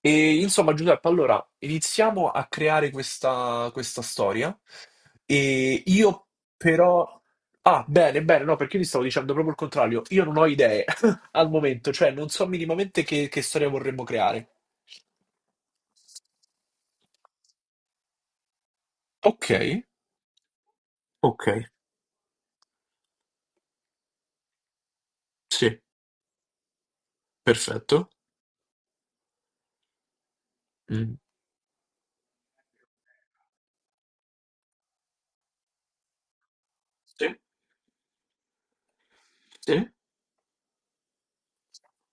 E insomma, Giuseppe, allora iniziamo a creare questa storia. E io però. Ah, bene, bene, no, perché io ti stavo dicendo proprio il contrario. Io non ho idee al momento, cioè non so minimamente che storia vorremmo creare. Ok, ok, sì, perfetto. Mm, sì, sì,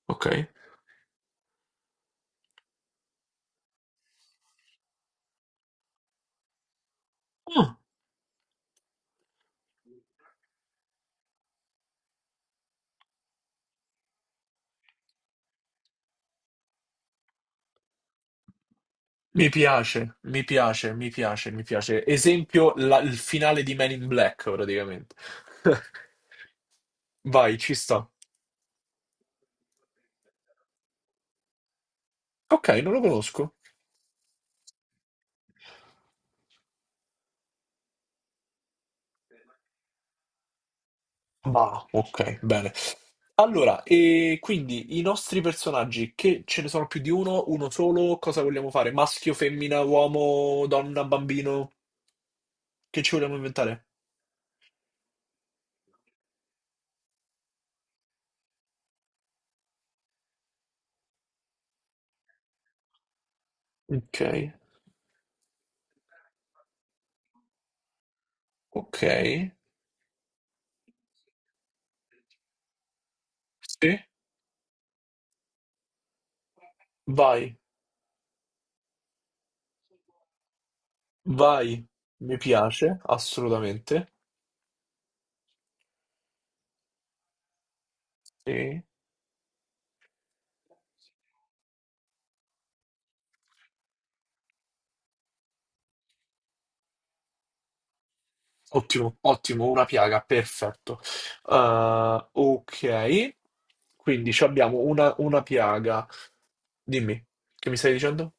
ok. Ah. Mi piace, mi piace, mi piace, mi piace. Esempio, il finale di Men in Black, praticamente. Vai, ci sta. Ok, non lo conosco. Ma, ok, bene. Allora, e quindi i nostri personaggi, che ce ne sono più di uno, uno solo, cosa vogliamo fare? Maschio, femmina, uomo, donna, bambino? Che ci vogliamo inventare? Ok, ok. Sì, vai, vai. Mi piace, assolutamente. Sì. Ottimo, ottimo, una piaga, perfetto. Ok, quindi ci abbiamo una piaga. Dimmi, che mi stai dicendo?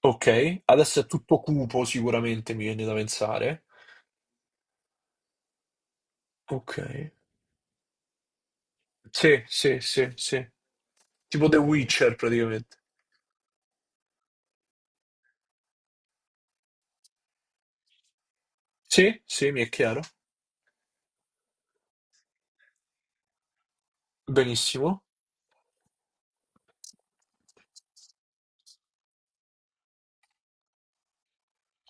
Ok, adesso è tutto cupo sicuramente, mi viene da pensare. Ok, sì, sì, sì, sì. Tipo The Witcher praticamente. Sì, sì, mi è chiaro. Benissimo.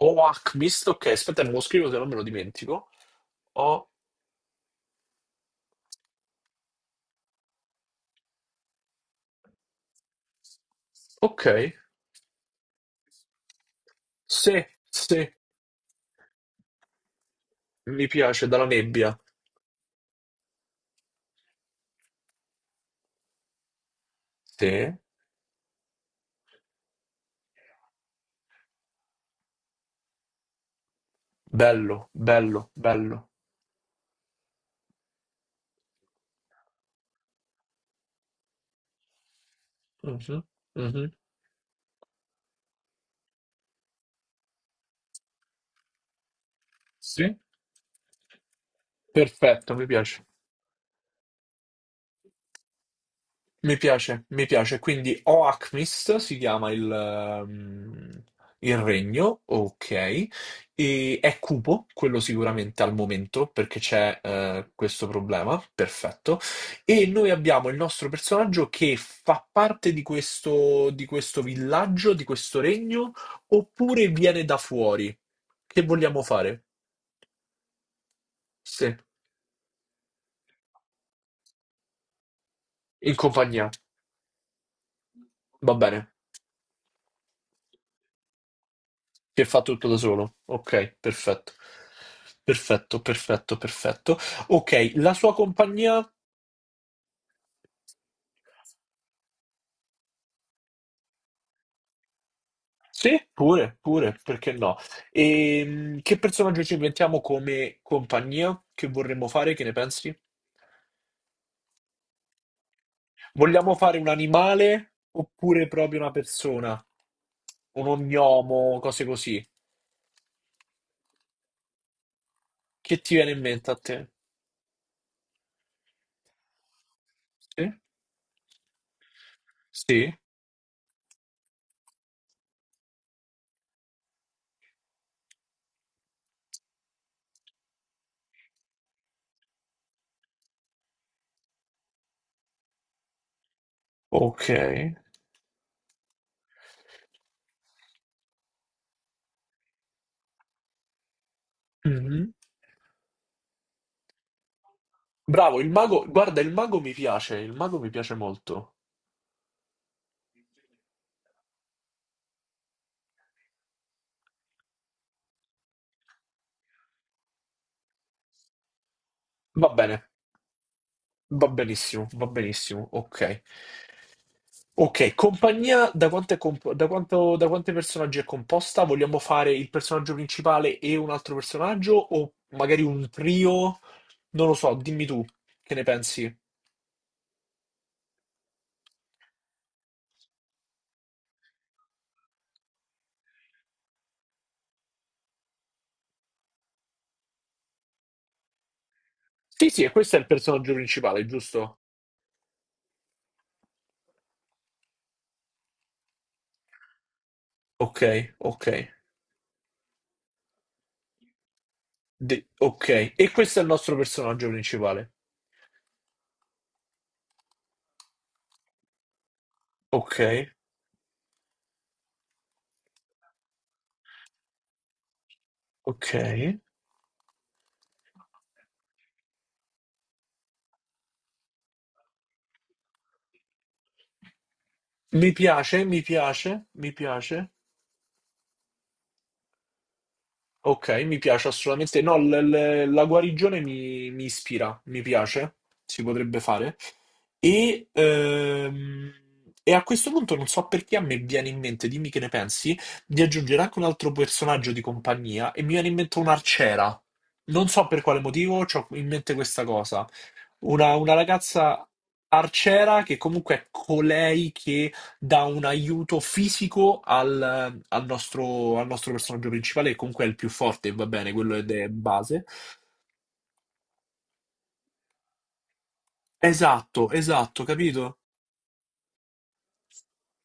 Oak Mist, ok, aspetta, me lo scrivo se non me lo dimentico. Oh, ok, sì, sì. Mi piace dalla nebbia. Sì. Bello, bello, bello. Mhm, mhm. Sì, perfetto, mi piace. Mi piace, mi piace. Quindi Oakmist si chiama il regno, ok. E è cupo, quello sicuramente al momento, perché c'è questo problema, perfetto. E noi abbiamo il nostro personaggio che fa parte di questo villaggio, di questo regno, oppure viene da fuori. Che vogliamo fare? Sì, in compagnia. Va bene. Che fa tutto da solo. Ok, perfetto. Perfetto, perfetto, perfetto. Ok, la sua compagnia? Sì, pure, pure, perché no? E che personaggio ci inventiamo come compagnia? Che vorremmo fare? Che ne pensi? Vogliamo fare un animale oppure proprio una persona? Un ognomo, cose così. Che ti viene in mente a te? Sì? Sì? Ok. Mhm. Bravo, il mago, guarda, il mago mi piace, il mago mi piace molto. Va bene, va benissimo, ok. Ok, compagnia, da, quanto è comp- da quanto- da quanti personaggi è composta? Vogliamo fare il personaggio principale e un altro personaggio o magari un trio? Non lo so, dimmi tu, che ne pensi? Sì, sì, e questo è il personaggio principale, giusto? Ok, ok, ok. E questo è il nostro personaggio principale. Ok. Okay. Mi piace, mi piace, mi piace. Ok, mi piace assolutamente. No, la guarigione mi, mi ispira, mi piace, si potrebbe fare. E, ehm, e a questo punto non so perché a me viene in mente, dimmi che ne pensi, di aggiungere anche un altro personaggio di compagnia e mi viene in mente un'arciera. Non so per quale motivo, ho in mente questa cosa. Una ragazza arciera che comunque è colei che dà un aiuto fisico al, al nostro personaggio principale, che comunque è il più forte, va bene, quello ed è base. Esatto, esatto, capito?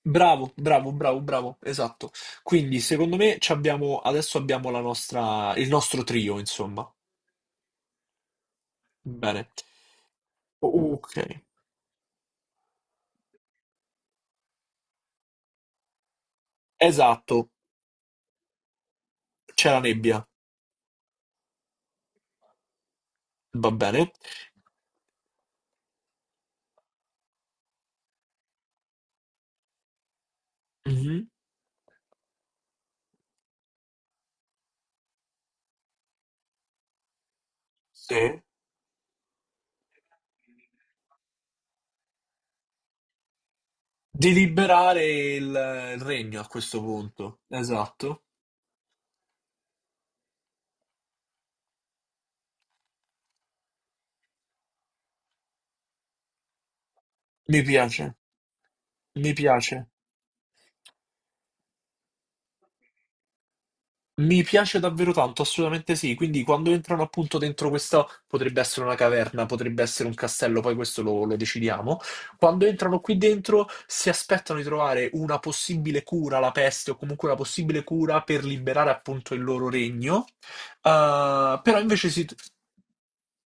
Bravo, bravo, bravo, bravo, esatto. Quindi, secondo me, ci abbiamo, adesso abbiamo la nostra, il nostro trio, insomma. Bene. Ok. Esatto, c'è la nebbia, va bene. Mhm. Sì. Di liberare il regno a questo punto. Esatto. Mi piace, mi piace. Mi piace davvero tanto, assolutamente sì. Quindi quando entrano appunto dentro questa, potrebbe essere una caverna, potrebbe essere un castello, poi questo lo, lo decidiamo. Quando entrano qui dentro si aspettano di trovare una possibile cura alla peste o comunque una possibile cura per liberare appunto il loro regno. Eh, però invece si,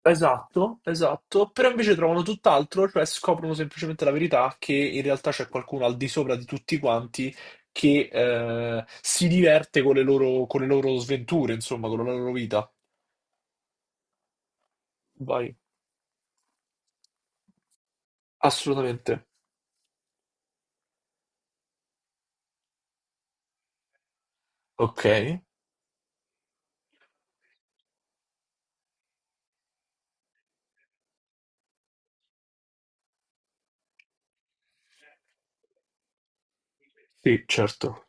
Esatto, esatto, però invece trovano tutt'altro, cioè scoprono semplicemente la verità che in realtà c'è qualcuno al di sopra di tutti quanti che si diverte con le loro sventure, insomma, con la loro vita. Vai, assolutamente. Ok. Sì, certo.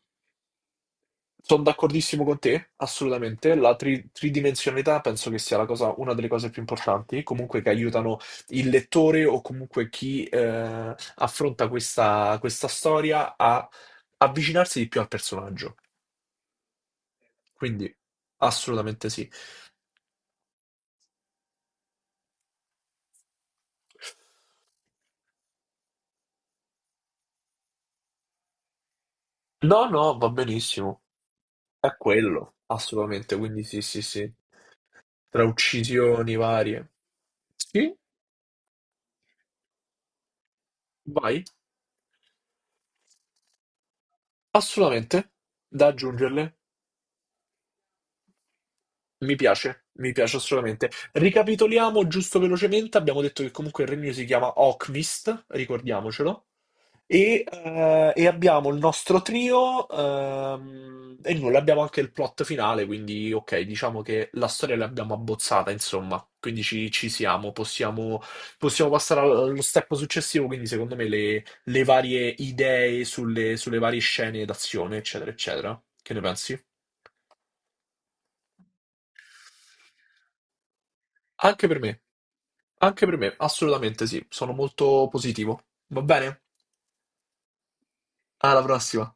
Sono d'accordissimo con te, assolutamente. Tridimensionalità penso che sia una delle cose più importanti, comunque che aiutano il lettore o comunque chi affronta questa storia a avvicinarsi di più al personaggio. Quindi, assolutamente sì. No, no, va benissimo. È quello, assolutamente. Quindi sì, sì, sì. Tra uccisioni varie. Sì, vai. Assolutamente. Da aggiungerle. Mi piace assolutamente. Ricapitoliamo giusto velocemente, abbiamo detto che comunque il regno si chiama Okmist, ricordiamocelo, e abbiamo il nostro trio, e nulla, abbiamo anche il plot finale, quindi ok, diciamo che la storia l'abbiamo abbozzata, insomma, quindi ci, ci siamo, possiamo, possiamo passare allo step successivo, quindi secondo me le varie idee sulle varie scene d'azione, eccetera, eccetera. Che ne pensi? Anche per me, anche per me, assolutamente sì, sono molto positivo. Va bene? Alla prossima.